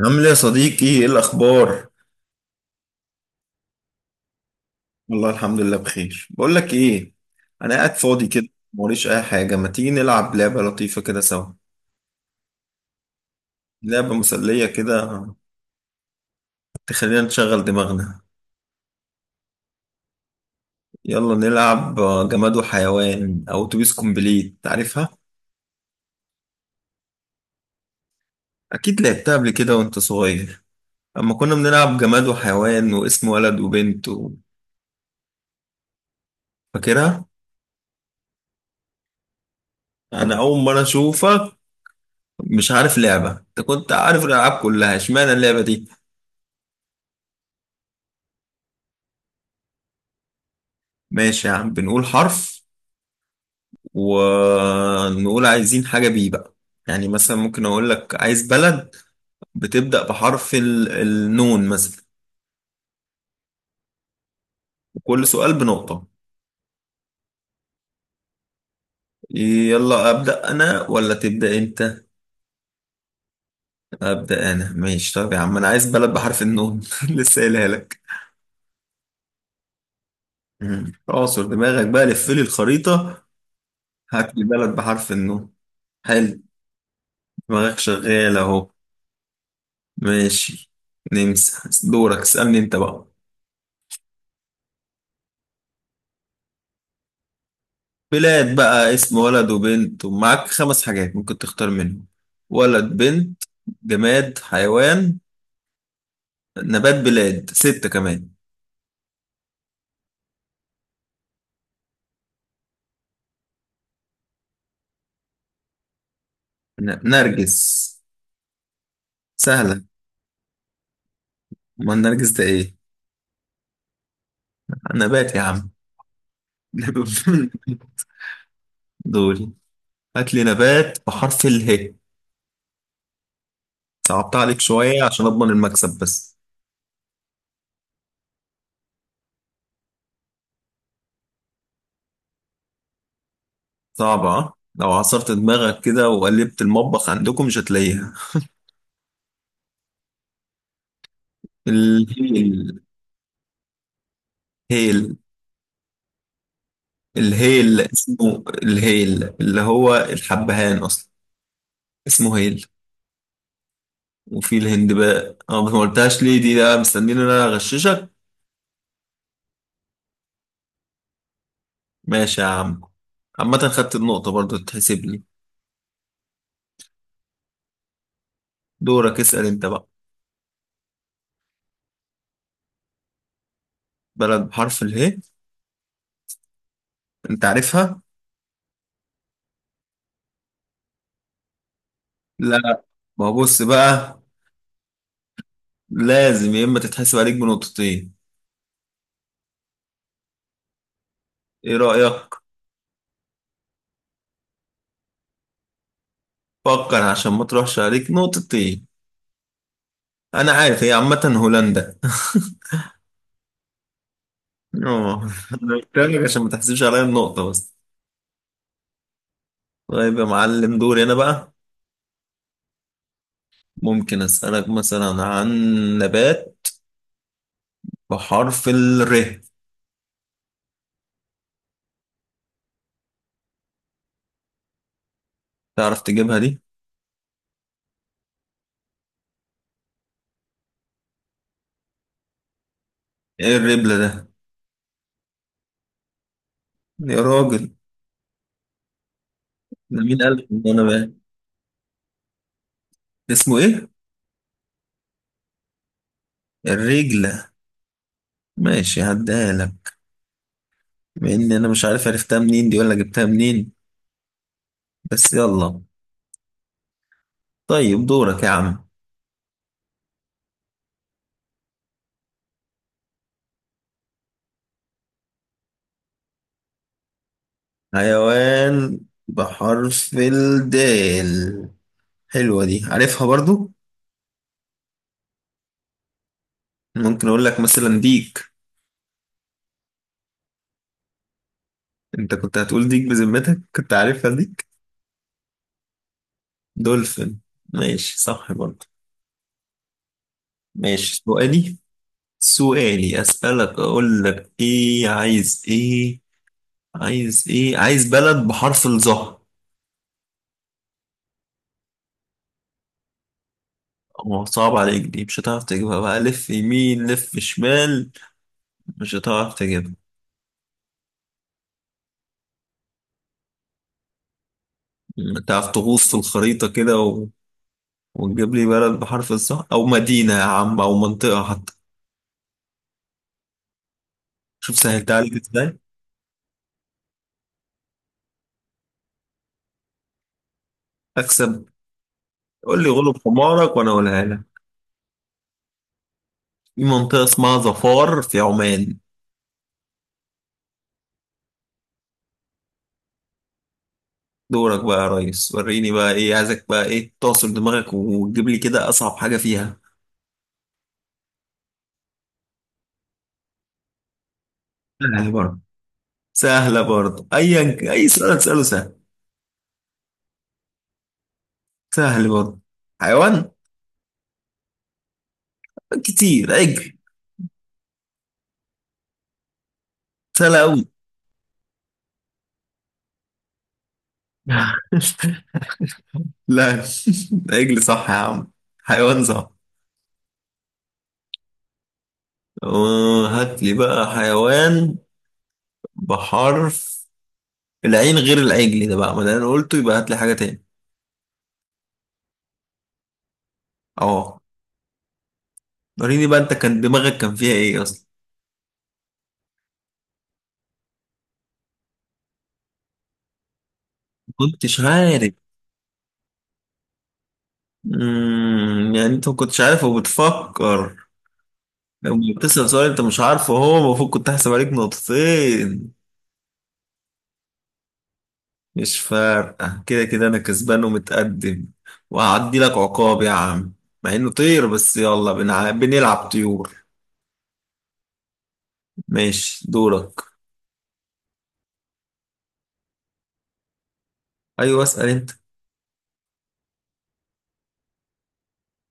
عامل ايه يا صديقي؟ ايه الاخبار؟ والله الحمد لله بخير. بقول لك ايه، انا قاعد فاضي كده، موريش اي حاجه. ما تيجي نلعب لعبه لطيفه كده سوا؟ لعبه مسليه كده، تخلينا نشغل دماغنا. يلا نلعب جماد وحيوان او اتوبيس كومبليت، تعرفها؟ اكيد لعبتها قبل كده وانت صغير. اما كنا بنلعب جماد وحيوان واسم ولد وبنت فاكرها؟ انا اول مره اشوفك مش عارف لعبه، انت كنت عارف الالعاب كلها، اشمعنى اللعبه دي؟ ماشي يا عم، بنقول حرف ونقول عايزين حاجة بيه بقى. يعني مثلا ممكن أقول لك عايز بلد بتبدأ بحرف النون مثلا. وكل سؤال بنقطة. يلا أبدأ أنا ولا تبدأ أنت؟ أبدأ أنا ماشي. طب يا عم، أنا عايز بلد بحرف النون. لسه قايلها لك. مم. اعصر دماغك بقى، لف لي الخريطة. هات لي بلد بحرف النون. حلو، دماغك شغال أهو. ماشي، نمسح. دورك، اسألني أنت بقى. بلاد بقى، اسم ولد وبنت، ومعاك 5 حاجات ممكن تختار منهم: ولد، بنت، جماد، حيوان، نبات، بلاد، ستة كمان. نرجس، سهلة. ما النرجس ده ايه؟ نبات يا عم. دول، هات لي نبات بحرف اله. صعبت عليك شوية عشان أضمن المكسب بس. صعبة ها؟ لو عصرت دماغك كده وقلبت المطبخ عندكم مش هتلاقيها. الهيل. هيل. الهيل اسمه الهيل، اللي هو الحبهان اصلا. اسمه هيل. وفي الهندباء اه، ما قلتهاش ليه دي؟ ده مستنيني ان انا اغششك. ماشي يا عم، عامة خدت النقطة برضو، تتحسب لي. دورك، اسأل انت بقى. بلد بحرف اله، انت عارفها؟ لا. ما هو بص بقى، لازم. يا اما تتحسب عليك بنقطتين، ايه رأيك؟ فكر عشان ما تروحش عليك نقطتين. انا عارف، هي عامة هولندا. اه، عشان ما تحسبش عليا النقطة بس. طيب يا معلم، دوري أنا بقى. ممكن أسألك مثلا عن نبات بحرف الر. تعرف تجيبها دي؟ إيه الربلة ده؟ يا راجل. ده مين قال لك إن أنا بقى؟ اسمه إيه؟ الرجلة. ماشي، هديها لك. مع إن أنا مش عارف عرفتها منين دي ولا جبتها منين. بس يلا. طيب دورك يا عم. حيوان بحرف الدال. حلوة دي، عارفها برضو؟ ممكن أقول لك مثلا ديك. أنت كنت هتقول ديك؟ بذمتك كنت عارفها دي؟ دولفين، ماشي صح برضه. ماشي، سؤالي. سؤالي أسألك، أقول لك إيه، عايز إيه، عايز بلد بحرف الظهر. هو صعب عليك دي، مش هتعرف تجيبها. بقى لف يمين لف شمال، مش هتعرف تجيبها. تعرف تغوص في الخريطة كده وتجيب لي بلد بحرف الظهر أو مدينة يا عم أو منطقة حتى. شوف سهلتها عليك إزاي. أكسب. قول لي غلب حمارك وأنا أقولها لك. في منطقة اسمها ظفار في عمان. دورك بقى يا ريس، وريني بقى ايه عايزك، بقى ايه تعصر دماغك وتجيب لي كده اصعب حاجة فيها. سهل برضه. سهلة برضه، ايا اي سؤال تسأله سهل. سهل برضه. حيوان كتير، عجل. سهلة أوي. لا. عجل صح يا عم، حيوان صح. هات لي بقى حيوان بحرف العين غير العجل ده بقى، ما ده انا قلته، يبقى هات لي حاجة تاني. اه، وريني بقى انت كان دماغك كان فيها ايه اصلا. ما كنتش عارف. يعني انت ما كنتش عارف وبتفكر؟ لما بتسأل سؤال انت مش عارفه، هو المفروض كنت هحسب عليك نقطتين. مش فارقة، كده كده انا كسبان ومتقدم، وهعدي لك عقاب يا عم مع انه طير. بس يلا بنلعب طيور. ماشي دورك. ايوه اسأل انت.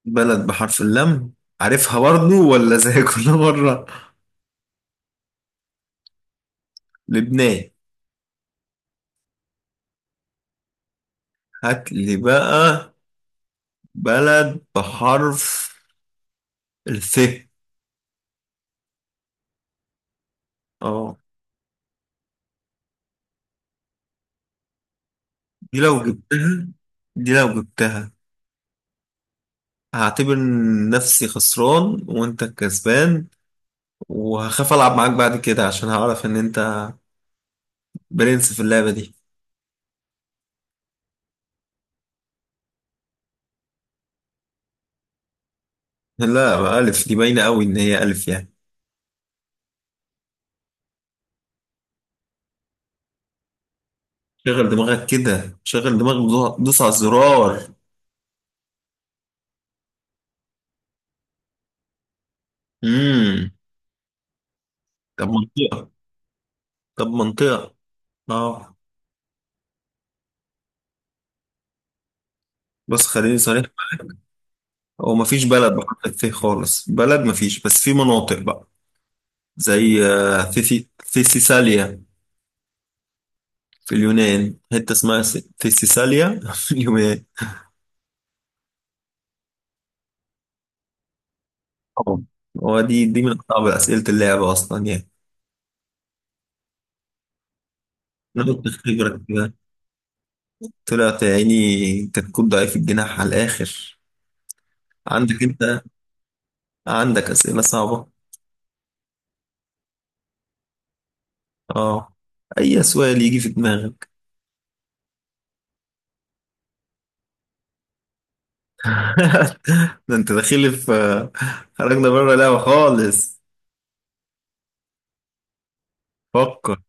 بلد بحرف اللام. عارفها برضو ولا زي كل مرة؟ لبنان. هات لي بقى بلد بحرف الف. اه، دي لو جبتها، دي لو جبتها هعتبر نفسي خسران وانت الكسبان، وهخاف العب معاك بعد كده عشان هعرف ان انت برنس في اللعبة دي. لا بقى الف دي باينة قوي ان هي الف يعني. شغل دماغك كده، شغل دماغك، دوس على الزرار. امم. طب منطقة. طب منطقة. اه. بس خليني صريح معاك، هو مفيش بلد بحرف الث خالص، بلد مفيش بس في مناطق بقى. زي ثيسيساليا في اليونان. حتة اسمها تساليا في اليونان. طبعا. هو دي من أصعب أسئلة اللعبة أصلا يعني. نقطة خبرة كده. طلعت يا عيني كتكوت ضعيف الجناح على الآخر. عندك أنت، عندك أسئلة صعبة. أه، أي سؤال يجي في دماغك. ده أنت داخل في، خرجنا بره اللعبة خالص. فكر.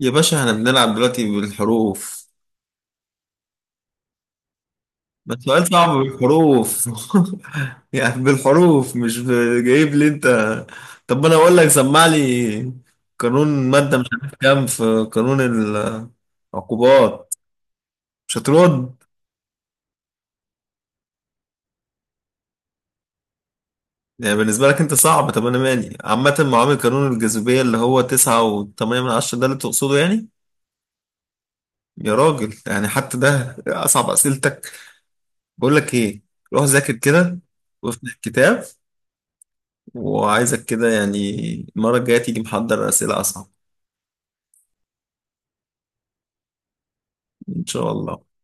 يا باشا احنا بنلعب دلوقتي بالحروف. ده سؤال صعب بالحروف. يعني بالحروف مش جايب لي انت. طب انا اقول لك، سمع لي، قانون مادة مش عارف كام في قانون العقوبات، مش هترد. يعني بالنسبة لك انت صعب، طب انا مالي. عامة معامل قانون الجاذبية اللي هو 9.8 من 10 ده اللي تقصده يعني. يا راجل، يعني حتى ده اصعب اسئلتك. بقول لك ايه، روح ذاكر كده وافتح الكتاب. وعايزك كده يعني، المرة الجاية تيجي محضر اسئلة اصعب. ان شاء الله.